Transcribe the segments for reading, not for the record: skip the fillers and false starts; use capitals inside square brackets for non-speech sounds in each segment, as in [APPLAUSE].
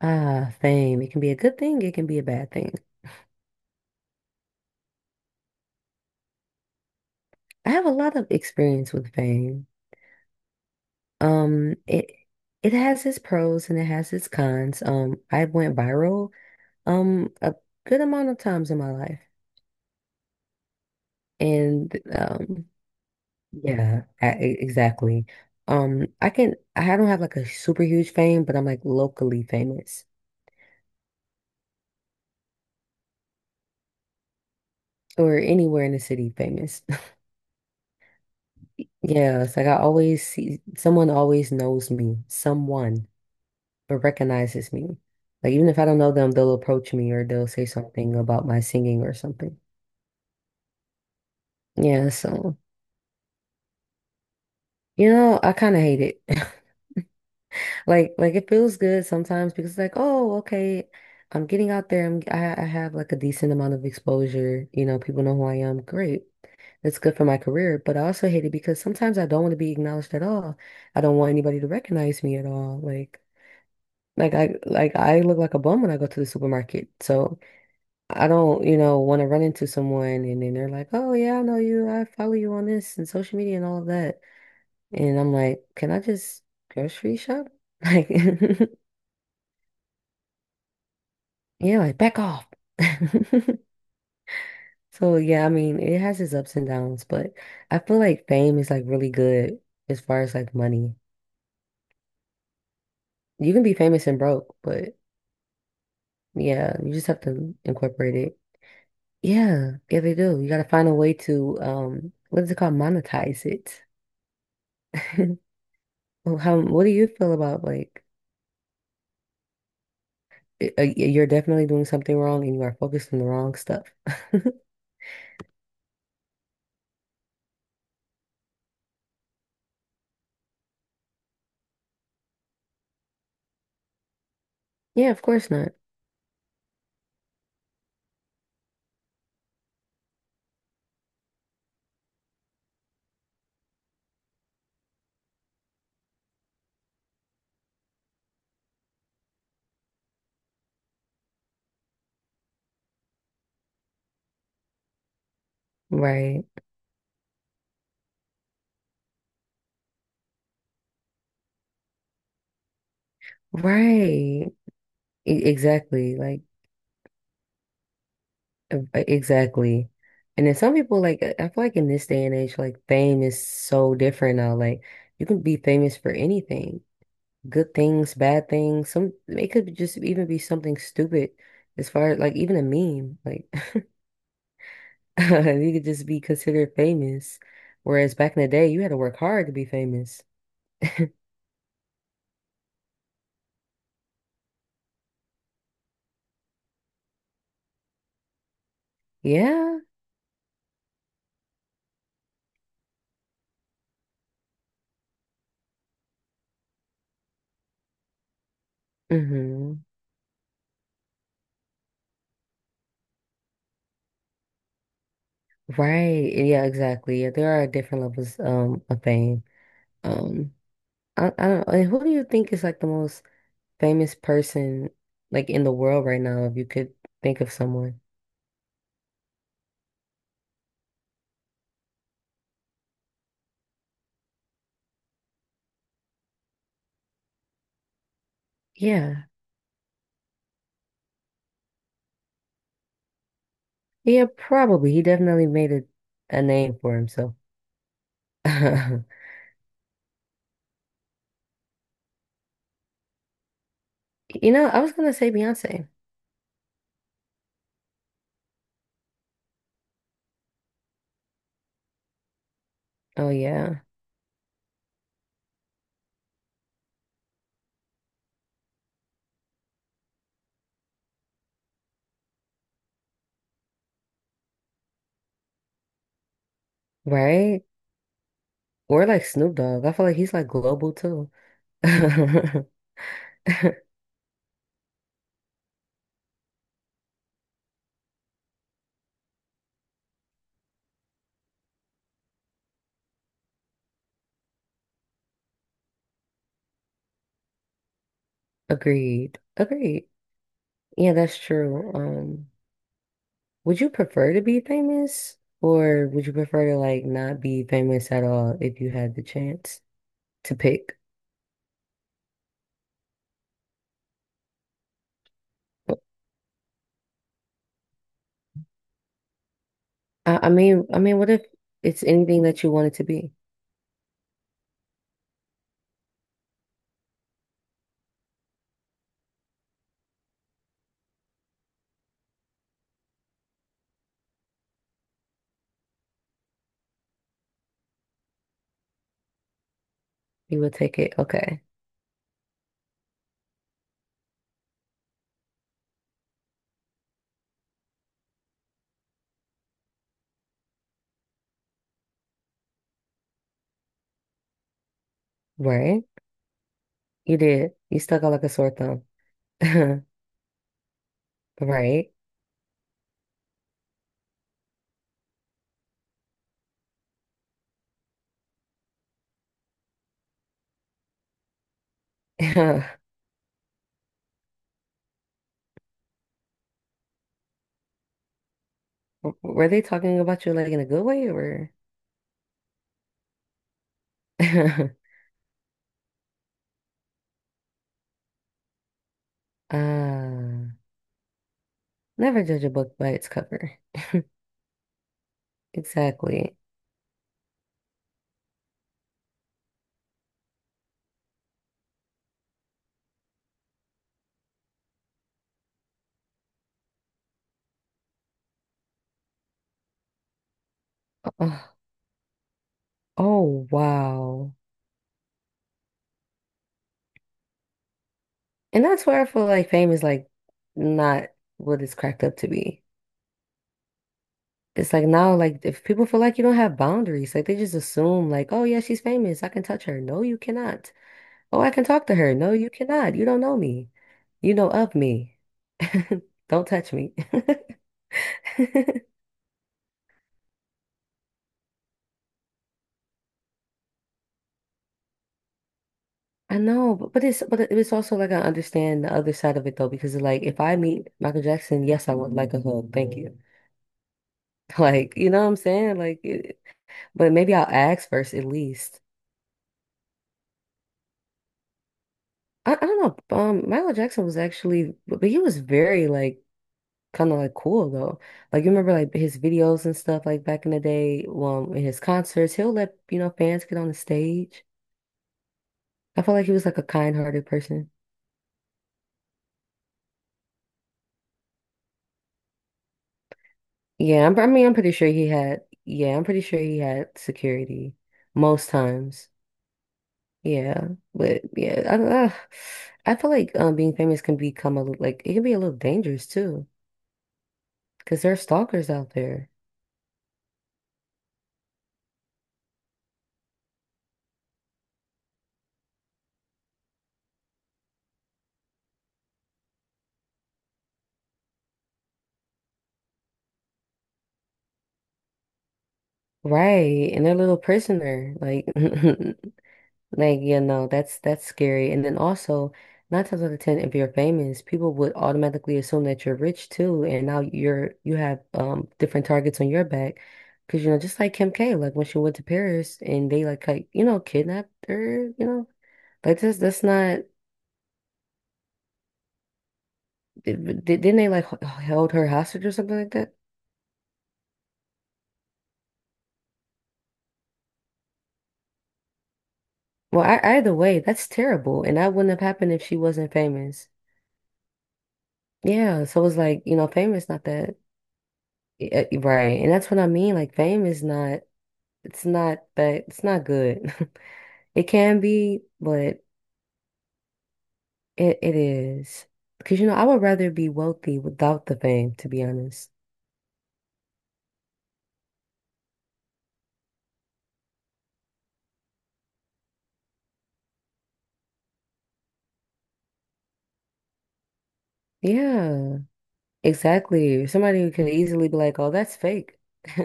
Ah, fame. It can be a good thing, it can be a bad thing. I have a lot of experience with fame. Um, it it has its pros and it has its cons. I went viral a good amount of times in my life. And Yeah, exactly. I don't have like a super huge fame, but I'm like locally famous or anywhere in the city famous. [LAUGHS] Yeah, it's like I always see someone always knows me. Someone. But recognizes me. Like even if I don't know them, they'll approach me or they'll say something about my singing or something. Yeah, so I kind of hate it. [LAUGHS] Like it feels good sometimes because like, oh, okay, I'm getting out there. I have like a decent amount of exposure. You know, people know who I am. Great. That's good for my career, but I also hate it because sometimes I don't want to be acknowledged at all. I don't want anybody to recognize me at all. Like I look like a bum when I go to the supermarket. So I don't, you know, want to run into someone and then they're like, "Oh yeah, I know you. I follow you on this and social media and all of that." And I'm like, "Can I just grocery shop?" [LAUGHS] Like, [LAUGHS] yeah, like back off. [LAUGHS] So yeah, I mean, it has its ups and downs, but I feel like fame is like really good as far as like money. You can be famous and broke, but yeah, you just have to incorporate it. Yeah, yeah, they do. You got to find a way to what is it called? Monetize it. [LAUGHS] Well, how, what do you feel about like you're definitely doing something wrong and you are focused on the wrong stuff? [LAUGHS] Yeah, of course not. Right. Right. E- exactly. Like e- exactly. And then some people like I feel like in this day and age, like fame is so different now. Like you can be famous for anything. Good things, bad things. Some it could just even be something stupid as far as like even a meme. Like [LAUGHS] you could just be considered famous. Whereas back in the day, you had to work hard to be famous. Yeah. Hmm. Right. Yeah, exactly. Yeah, there are different levels of fame. Um, I don't know. Who do you think is like the most famous person like in the world right now, if you could think of someone? Yeah. Yeah, probably. He definitely made a name for himself. [LAUGHS] You know, I was gonna say Beyonce. Oh yeah. Right? Or like Snoop Dogg. I feel like he's like global too. [LAUGHS] Agreed. Agreed. Yeah, that's true. Would you prefer to be famous or would you prefer to like not be famous at all if you had the chance to pick? I mean, what if it's anything that you wanted to be? You would take it. Okay. Right? You did. You stuck out like a sore thumb. [LAUGHS] Right? [LAUGHS] Were they talking about you like in a good way or? [LAUGHS] Ah, never judge a book by its cover. Exactly. Ugh. Oh, wow. And that's where I feel like fame is like not what it's cracked up to be. It's like now, like if people feel like you don't have boundaries, like they just assume like, oh yeah, she's famous. I can touch her. No, you cannot. Oh, I can talk to her. No, you cannot. You don't know me. You know of me. [LAUGHS] Don't touch me. [LAUGHS] I know, but it's but it- it's also like I understand the other side of it though, because like if I meet Michael Jackson, yes, I would like a hug. Thank you. [LAUGHS] Like, you know what I'm saying? Like it, but maybe I'll ask first at least. I don't know. Michael Jackson was actually, but he was very like kind of like cool though. Like you remember like his videos and stuff like back in the day, in his concerts, he'll let you know fans get on the stage. I felt like he was like a kind-hearted person. I mean, I'm pretty sure he had. Yeah, I'm pretty sure he had security most times. Yeah, but yeah, I don't know. I feel like being famous can become like it can be a little dangerous too, because there are stalkers out there. Right, and their little prisoner, like, [LAUGHS] like you know, that's scary. And then also, nine times out of ten, if you're famous, people would automatically assume that you're rich too, and now you have different targets on your back, because you know, just like Kim K, like when she went to Paris and they like you know kidnapped her, you know, like this that's not didn't they held her hostage or something like that? Well, I, either way, that's terrible, and that wouldn't have happened if she wasn't famous. Yeah, so it's like, you know, famous, not that. Yeah, e, right. And that's what I mean. Like fame is not it's not that it's not good. [LAUGHS] It can be, but it is. Because you know, I would rather be wealthy without the fame, to be honest. Yeah, exactly. Somebody who could easily be like, "Oh, that's fake." [LAUGHS]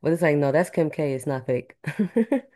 But it's like, "No, that's Kim K. It's not fake." [LAUGHS]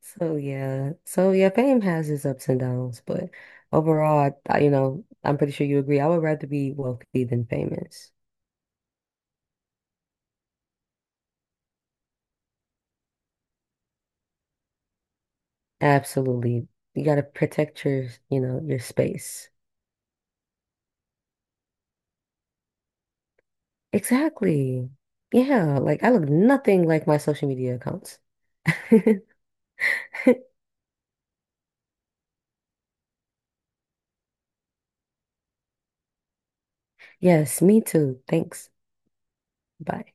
So yeah. So yeah, fame has its ups and downs, but overall, you know, I'm pretty sure you agree. I would rather be wealthy than famous. Absolutely. You got to protect your, you know, your space. Exactly. Yeah, like I look nothing like my social media accounts. [LAUGHS] Yes, me too. Thanks. Bye.